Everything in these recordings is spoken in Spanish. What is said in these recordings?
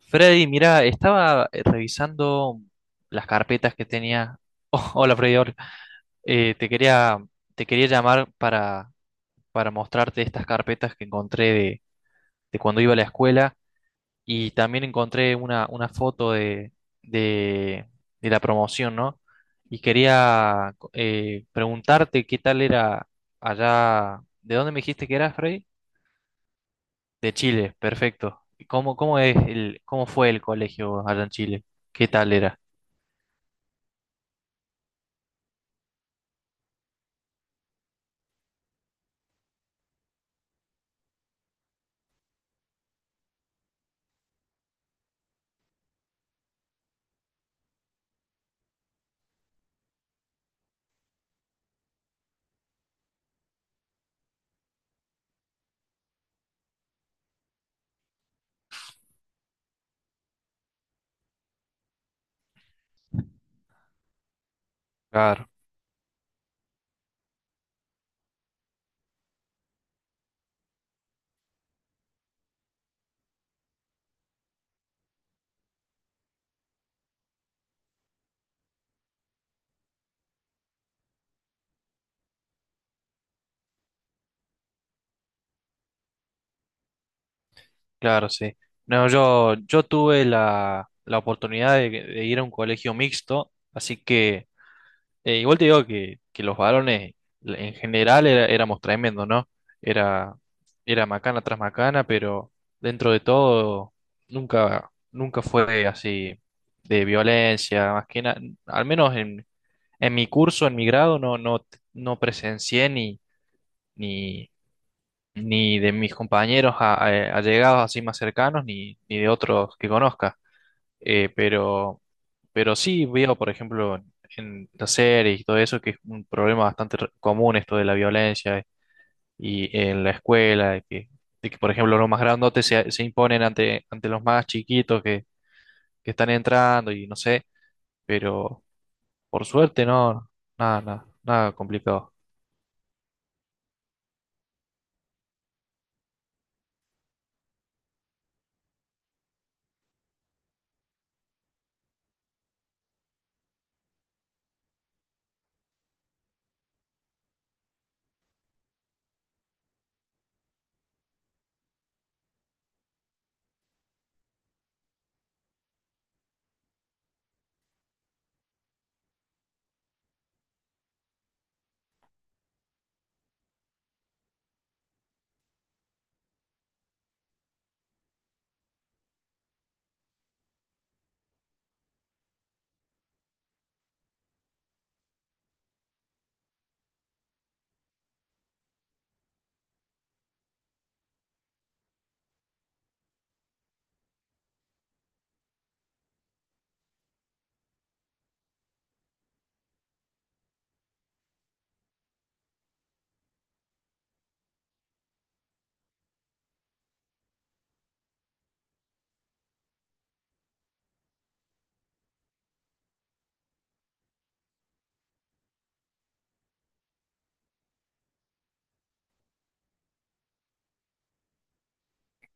Freddy, mira, estaba revisando las carpetas que tenía. Oh, hola Freddy, hola. Eh, te quería, te quería llamar para mostrarte estas carpetas que encontré de cuando iba a la escuela y también encontré una foto de, de la promoción, ¿no? Y quería preguntarte qué tal era allá. ¿De dónde me dijiste que eras, Freddy? De Chile, perfecto. Cómo es cómo fue el colegio allá en Chile? ¿Qué tal era? Claro, claro, sí. No, yo tuve la oportunidad de ir a un colegio mixto, así que igual te digo que los varones en general éramos tremendos, ¿no? Era, era macana tras macana, pero dentro de todo nunca fue así de violencia, más que nada, al menos en mi curso, en mi grado, no presencié ni, ni de mis compañeros allegados así más cercanos, ni de otros que conozca. Eh, pero, pero sí veo, por ejemplo, en las series y todo eso, que es un problema bastante común esto de la violencia y en la escuela, de que, por ejemplo, los más grandotes se imponen ante los más chiquitos que están entrando y no sé, pero por suerte no, nada complicado.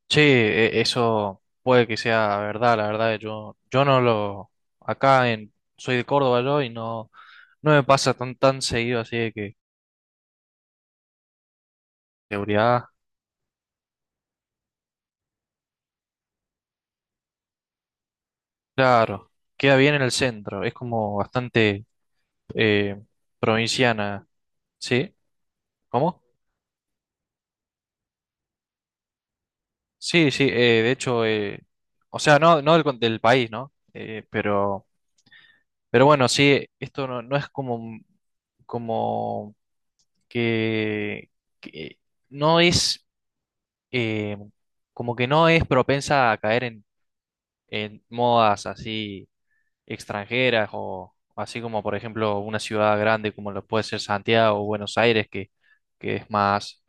Sí, eso puede que sea verdad, la verdad. Yo no lo, acá en, soy de Córdoba yo y no, no me pasa tan seguido así de que seguridad, claro, queda bien en el centro, es como bastante eh, provinciana, ¿sí? ¿Cómo? Sí, sí, de hecho, o sea, no, no del, del país, ¿no? Pero bueno, sí, esto no, no es como, como que, que no es eh, como que no es propensa a caer en modas así extranjeras o así como por ejemplo una ciudad grande como lo puede ser Santiago o Buenos Aires que es más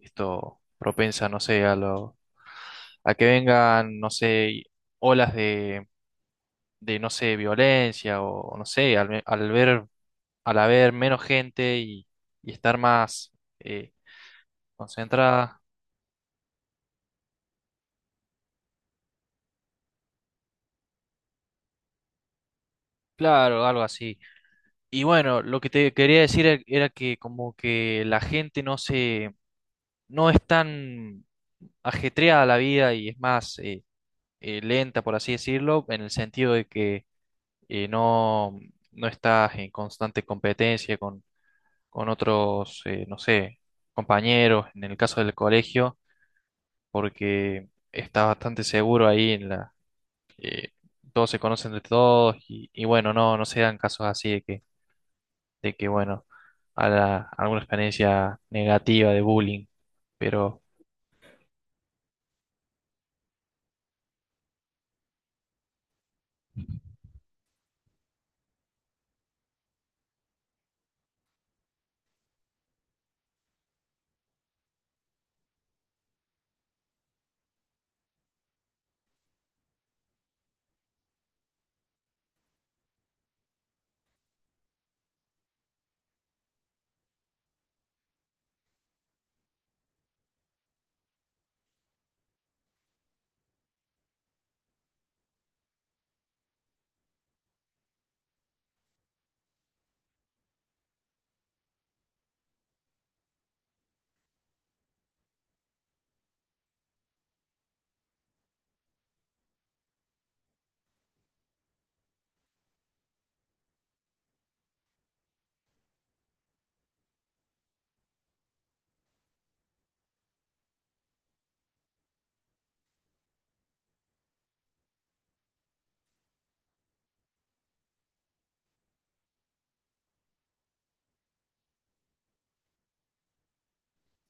esto propensa, no sé, a lo, a que vengan, no sé, olas de no sé, violencia o no sé, al, al ver, al haber menos gente y estar más eh, concentrada, claro, algo así. Y bueno, lo que te quería decir era que como que la gente no se, no es tan ajetreada la vida y es más lenta, por así decirlo, en el sentido de que no, no estás en constante competencia con otros, no sé, compañeros, en el caso del colegio, porque estás bastante seguro ahí en la, eh, todos se conocen de todos y bueno, no, no se dan casos así de que, bueno, alguna experiencia negativa de bullying, pero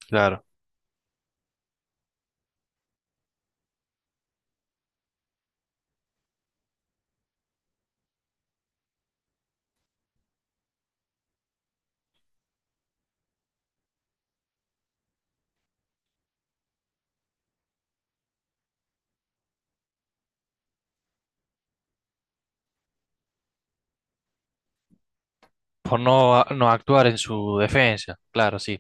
Claro, por no, no actuar en su defensa, claro, sí.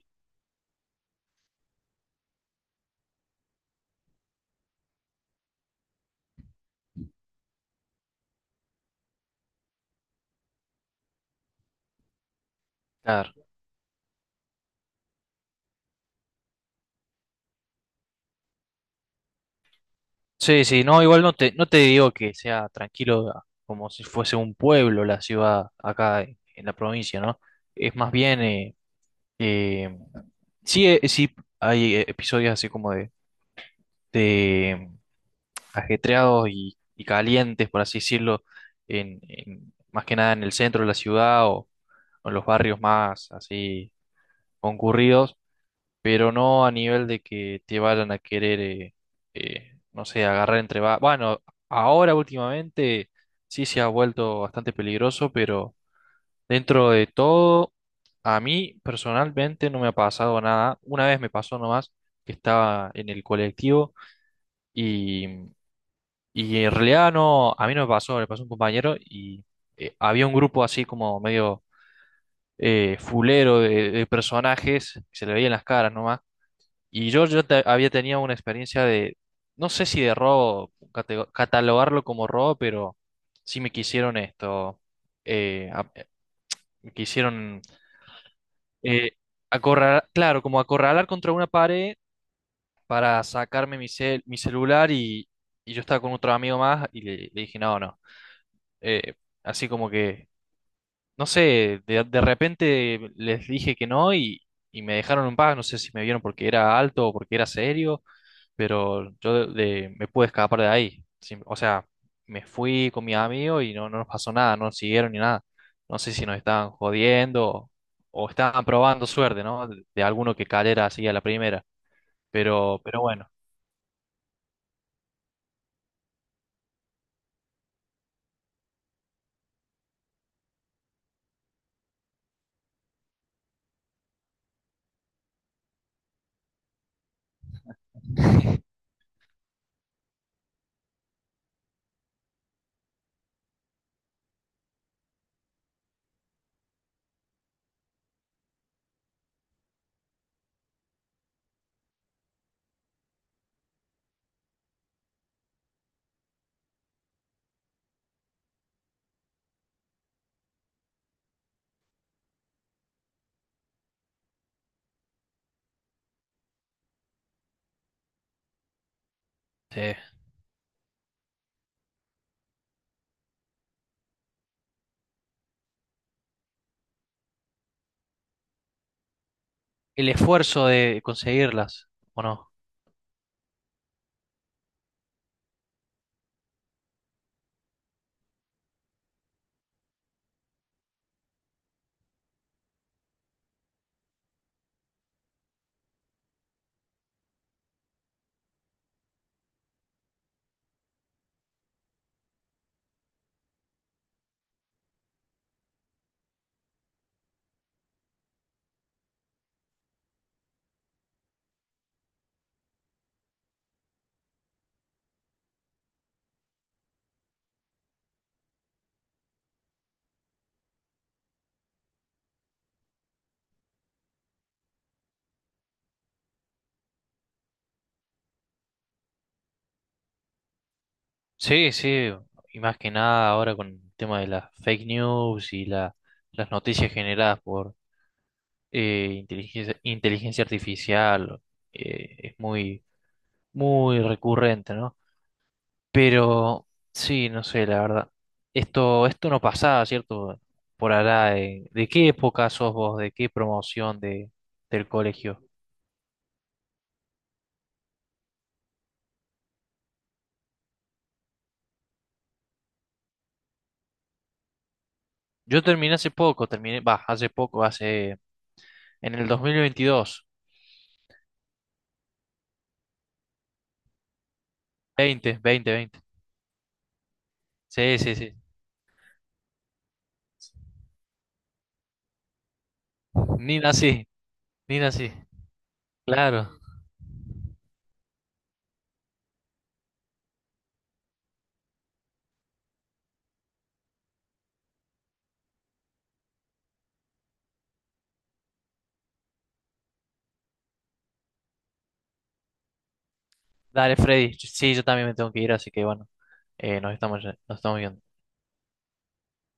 Claro, sí, sí, no, igual no te, no te digo que sea tranquilo como si fuese un pueblo la ciudad acá en la provincia, ¿no? Es más bien, eh, sí, sí, hay episodios así como de, ajetreados y calientes, por así decirlo, en, más que nada en el centro de la ciudad o en los barrios más así concurridos, pero no a nivel de que te vayan a querer, no sé, agarrar entre... Bueno, ahora últimamente sí se ha vuelto bastante peligroso, pero dentro de todo, a mí personalmente no me ha pasado nada. Una vez me pasó nomás que estaba en el colectivo. y en realidad no, a mí no me pasó, le pasó a un compañero y había un grupo así como medio fulero de personajes, que se le veían las caras nomás. Y había tenido una experiencia de, no sé si de robo, catalogarlo como robo, pero sí me quisieron esto, eh, a- me quisieron eh, acorralar, claro, como acorralar contra una pared para sacarme mi, mi celular y yo estaba con otro amigo más y le dije, no, no. Eh, así como que, no sé, de repente les dije que no y me dejaron en paz. No sé si me vieron porque era alto o porque era serio, pero yo me pude escapar de ahí. Sí, o sea, me fui con mis amigos y no, no nos pasó nada, no nos siguieron ni nada. No sé si nos estaban jodiendo o estaban probando suerte, ¿no? De alguno que cayera así a la primera. Pero bueno, Sí. El esfuerzo de conseguirlas, ¿o no? Sí, sí, y más que nada ahora con el tema de las fake news y las noticias generadas por inteligencia artificial, es muy recurrente, ¿no? Pero sí, no sé, la verdad. Esto no pasaba, ¿cierto? Por allá, ¿de qué época sos vos? ¿De qué promoción de, del colegio? Yo terminé hace poco, terminé, va, hace poco, hace, en el 2022, 20, 20, 20. Sí, sí, sí. Ni nací. Mira, sí, claro. Dale, Freddy. Sí, yo también me tengo que ir, así que bueno, nos estamos viendo. Dale.